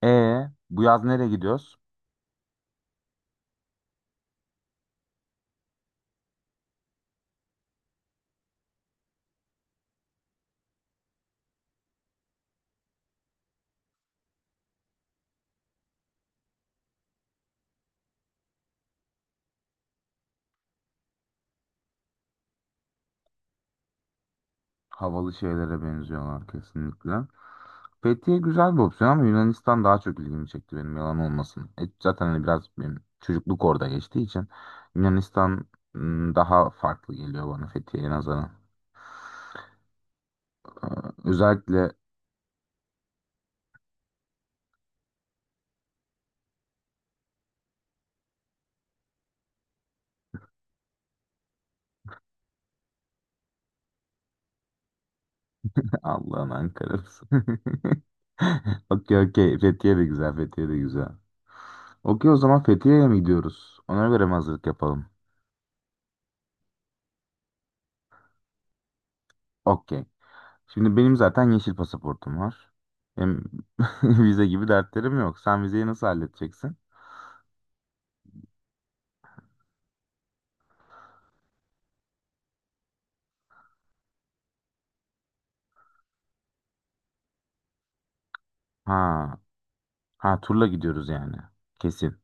E bu yaz nereye gidiyoruz? Havalı şeylere benziyorlar kesinlikle. Fethiye güzel bir opsiyon ama Yunanistan daha çok ilgimi çekti benim, yalan olmasın. Zaten hani biraz benim çocukluk orada geçtiği için Yunanistan daha farklı geliyor bana Fethiye'ye nazaran. Özellikle Allah'ın Ankara'sı. Okey okey, Fethiye de güzel, Fethiye de güzel. Okey, o zaman Fethiye'ye mi gidiyoruz? Ona göre mi hazırlık yapalım? Okey. Şimdi benim zaten yeşil pasaportum var. Hem vize gibi dertlerim yok. Sen vizeyi nasıl halledeceksin? Ha, ha, turla gidiyoruz yani. Kesin.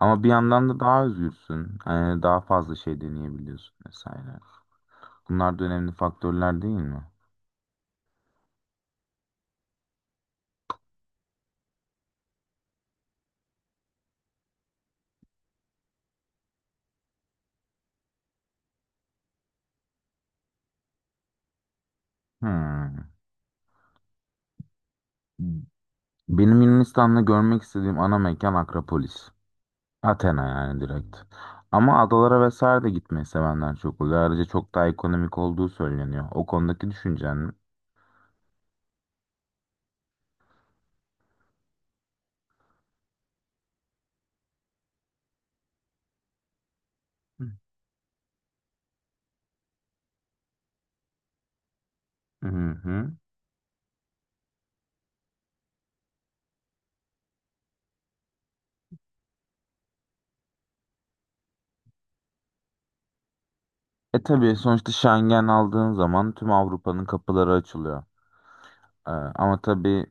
Ama bir yandan da daha özgürsün. Yani daha fazla şey deneyebiliyorsun vesaire. Bunlar da önemli faktörler, değil mi? Hmm. Benim Yunanistan'da görmek istediğim ana mekan Akropolis. Athena yani, direkt. Ama adalara vesaire de gitmeyi sevenler çok oluyor. Ayrıca çok daha ekonomik olduğu söyleniyor. O konudaki düşüncen ne? Hı hı. E tabii, sonuçta Schengen aldığın zaman tüm Avrupa'nın kapıları açılıyor. Ama tabii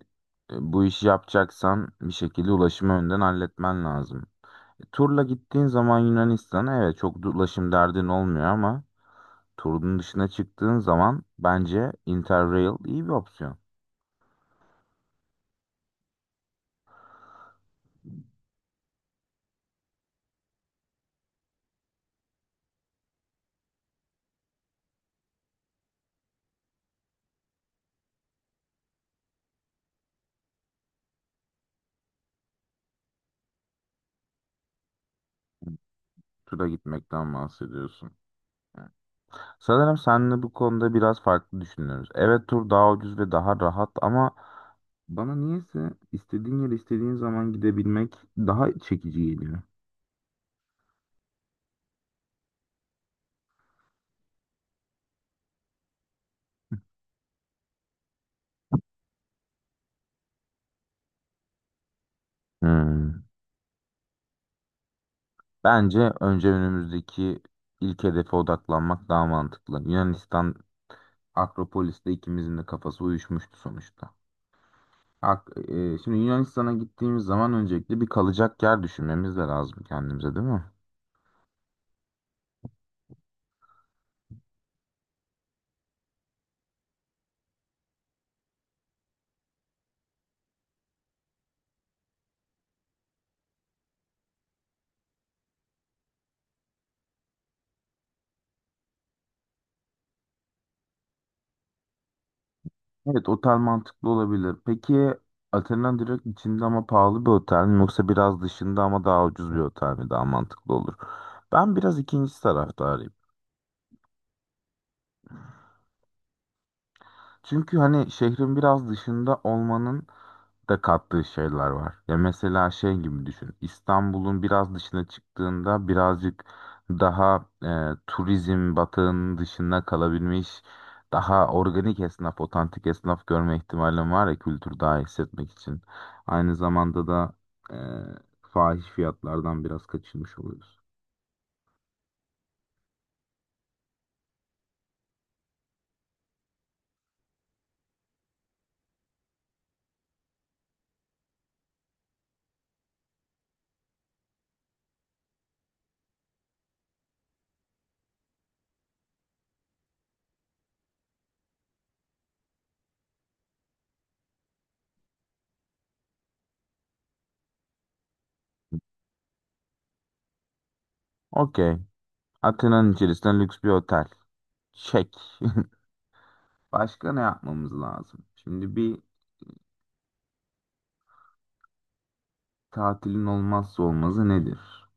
bu işi yapacaksan bir şekilde ulaşımı önden halletmen lazım. Turla gittiğin zaman Yunanistan'a evet, çok da ulaşım derdin olmuyor, ama turun dışına çıktığın zaman bence Interrail iyi bir opsiyon. Turla gitmekten bahsediyorsun. Sanırım seninle bu konuda biraz farklı düşünüyoruz. Evet, tur daha ucuz ve daha rahat, ama bana niyeyse istediğin yere istediğin zaman gidebilmek daha çekici geliyor. Hmm. Bence önce önümüzdeki ilk hedefe odaklanmak daha mantıklı. Yunanistan, Akropolis'te ikimizin de kafası uyuşmuştu sonuçta. Şimdi Yunanistan'a gittiğimiz zaman öncelikle bir kalacak yer düşünmemiz de lazım kendimize, değil mi? Evet, otel mantıklı olabilir. Peki, Atina'nın direkt içinde ama pahalı bir otel mi yoksa biraz dışında ama daha ucuz bir otel mi daha mantıklı olur? Ben biraz ikinci taraftarıyım. Çünkü hani şehrin biraz dışında olmanın da kattığı şeyler var. Ya mesela şey gibi düşün. İstanbul'un biraz dışına çıktığında birazcık daha turizm batağının dışında kalabilmiş, daha organik esnaf, otantik esnaf görme ihtimalin var, ya kültür daha iyi hissetmek için. Aynı zamanda da e, fahiş fiyatlardan biraz kaçınmış oluyoruz. Okey. Atina'nın içerisinde lüks bir otel. Çek. Başka ne yapmamız lazım? Şimdi bir tatilin olmazsa olmazı nedir?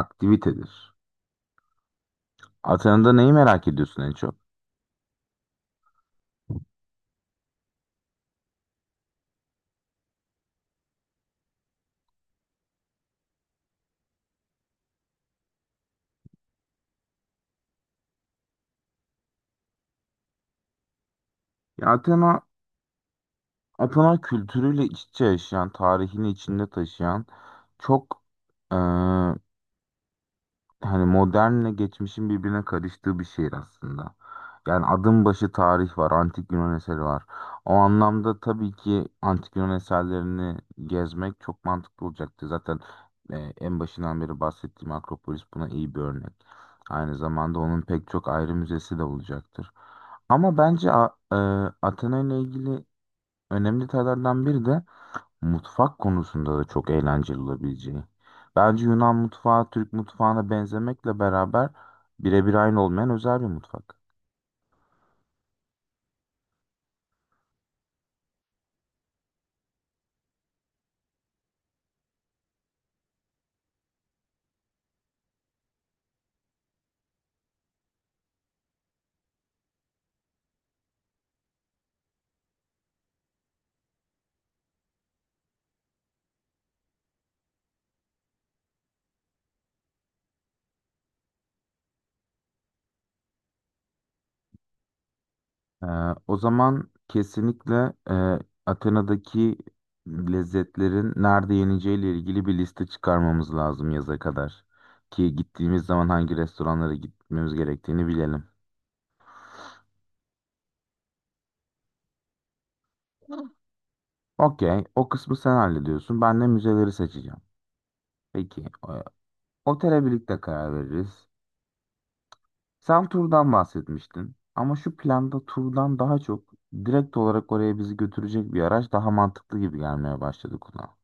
Aktivitedir. Atana'da neyi merak ediyorsun en çok? Ya Athena, Athena kültürüyle iç içe yaşayan, tarihini içinde taşıyan, çok hani modernle geçmişin birbirine karıştığı bir şehir aslında. Yani adım başı tarih var, antik Yunan eseri var. O anlamda tabii ki antik Yunan eserlerini gezmek çok mantıklı olacaktı. Zaten en başından beri bahsettiğim Akropolis buna iyi bir örnek. Aynı zamanda onun pek çok ayrı müzesi de olacaktır. Ama bence Athena ile ilgili önemli detaylardan biri de mutfak konusunda da çok eğlenceli olabileceği. Bence Yunan mutfağı Türk mutfağına benzemekle beraber birebir aynı olmayan özel bir mutfak. Ee, o zaman kesinlikle Atina'daki lezzetlerin nerede yeneceğiyle ilgili bir liste çıkarmamız lazım yaza kadar. Ki gittiğimiz zaman hangi restoranlara gitmemiz gerektiğini bilelim. Okey, o kısmı sen hallediyorsun. Ben de müzeleri seçeceğim. Peki, e, otele birlikte karar veririz. Sen turdan bahsetmiştin ama şu planda turdan daha çok direkt olarak oraya bizi götürecek bir araç daha mantıklı gibi gelmeye başladı kulağa.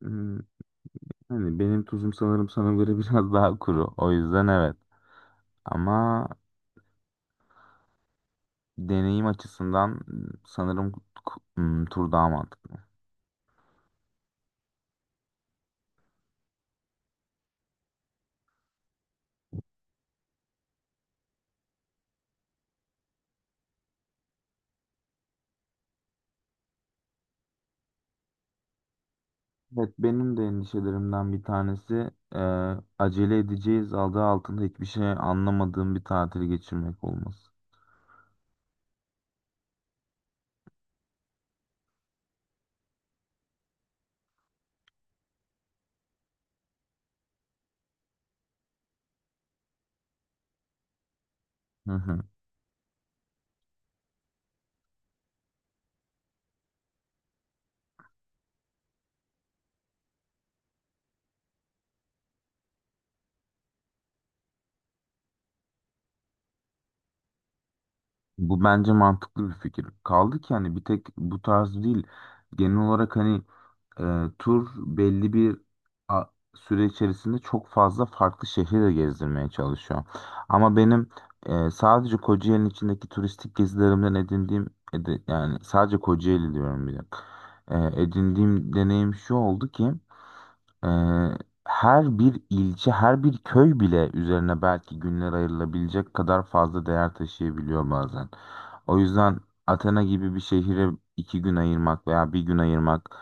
Hmm, hani benim tuzum sanırım sana göre biraz daha kuru. O yüzden evet. Ama deneyim açısından sanırım tur daha mantıklı. Evet, benim de endişelerimden bir tanesi e, acele edeceğiz adı altında hiçbir şey anlamadığım bir tatil geçirmek olması. Hı hı. Bu bence mantıklı bir fikir. Kaldı ki hani bir tek bu tarz değil. Genel olarak hani e, tur belli bir a- süre içerisinde çok fazla farklı şehri de gezdirmeye çalışıyor. Ama benim sadece Kocaeli'nin içindeki turistik gezilerimden edindiğim yani sadece Kocaeli diyorum, bir dakika. Edindiğim deneyim şu oldu ki ee, her bir ilçe, her bir köy bile üzerine belki günler ayrılabilecek kadar fazla değer taşıyabiliyor bazen. O yüzden Athena gibi bir şehire 2 gün ayırmak veya bir gün ayırmak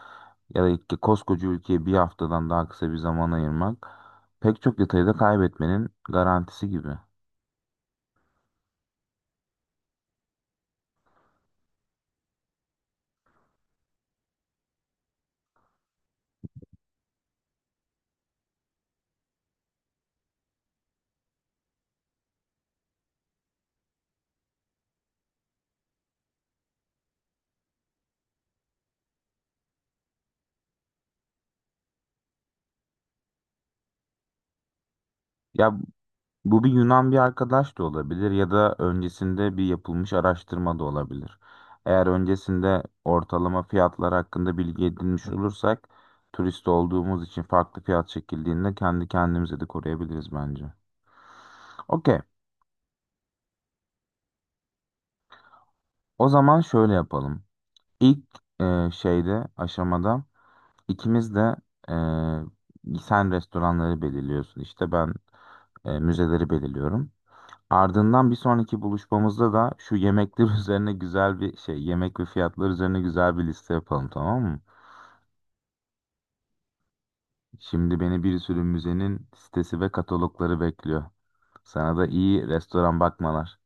ya da koskoca ülkeye bir haftadan daha kısa bir zaman ayırmak pek çok detayı da kaybetmenin garantisi gibi. Ya, bu bir Yunan bir arkadaş da olabilir ya da öncesinde bir yapılmış araştırma da olabilir. Eğer öncesinde ortalama fiyatlar hakkında bilgi edinmiş olursak, turist olduğumuz için farklı fiyat çekildiğinde kendi kendimize de koruyabiliriz bence. Okey. O zaman şöyle yapalım. İlk şeyde aşamada ikimiz de sen restoranları belirliyorsun, işte ben müzeleri belirliyorum. Ardından bir sonraki buluşmamızda da şu yemekler üzerine güzel bir şey, yemek ve fiyatlar üzerine güzel bir liste yapalım, tamam mı? Şimdi beni bir sürü müzenin sitesi ve katalogları bekliyor. Sana da iyi restoran bakmalar.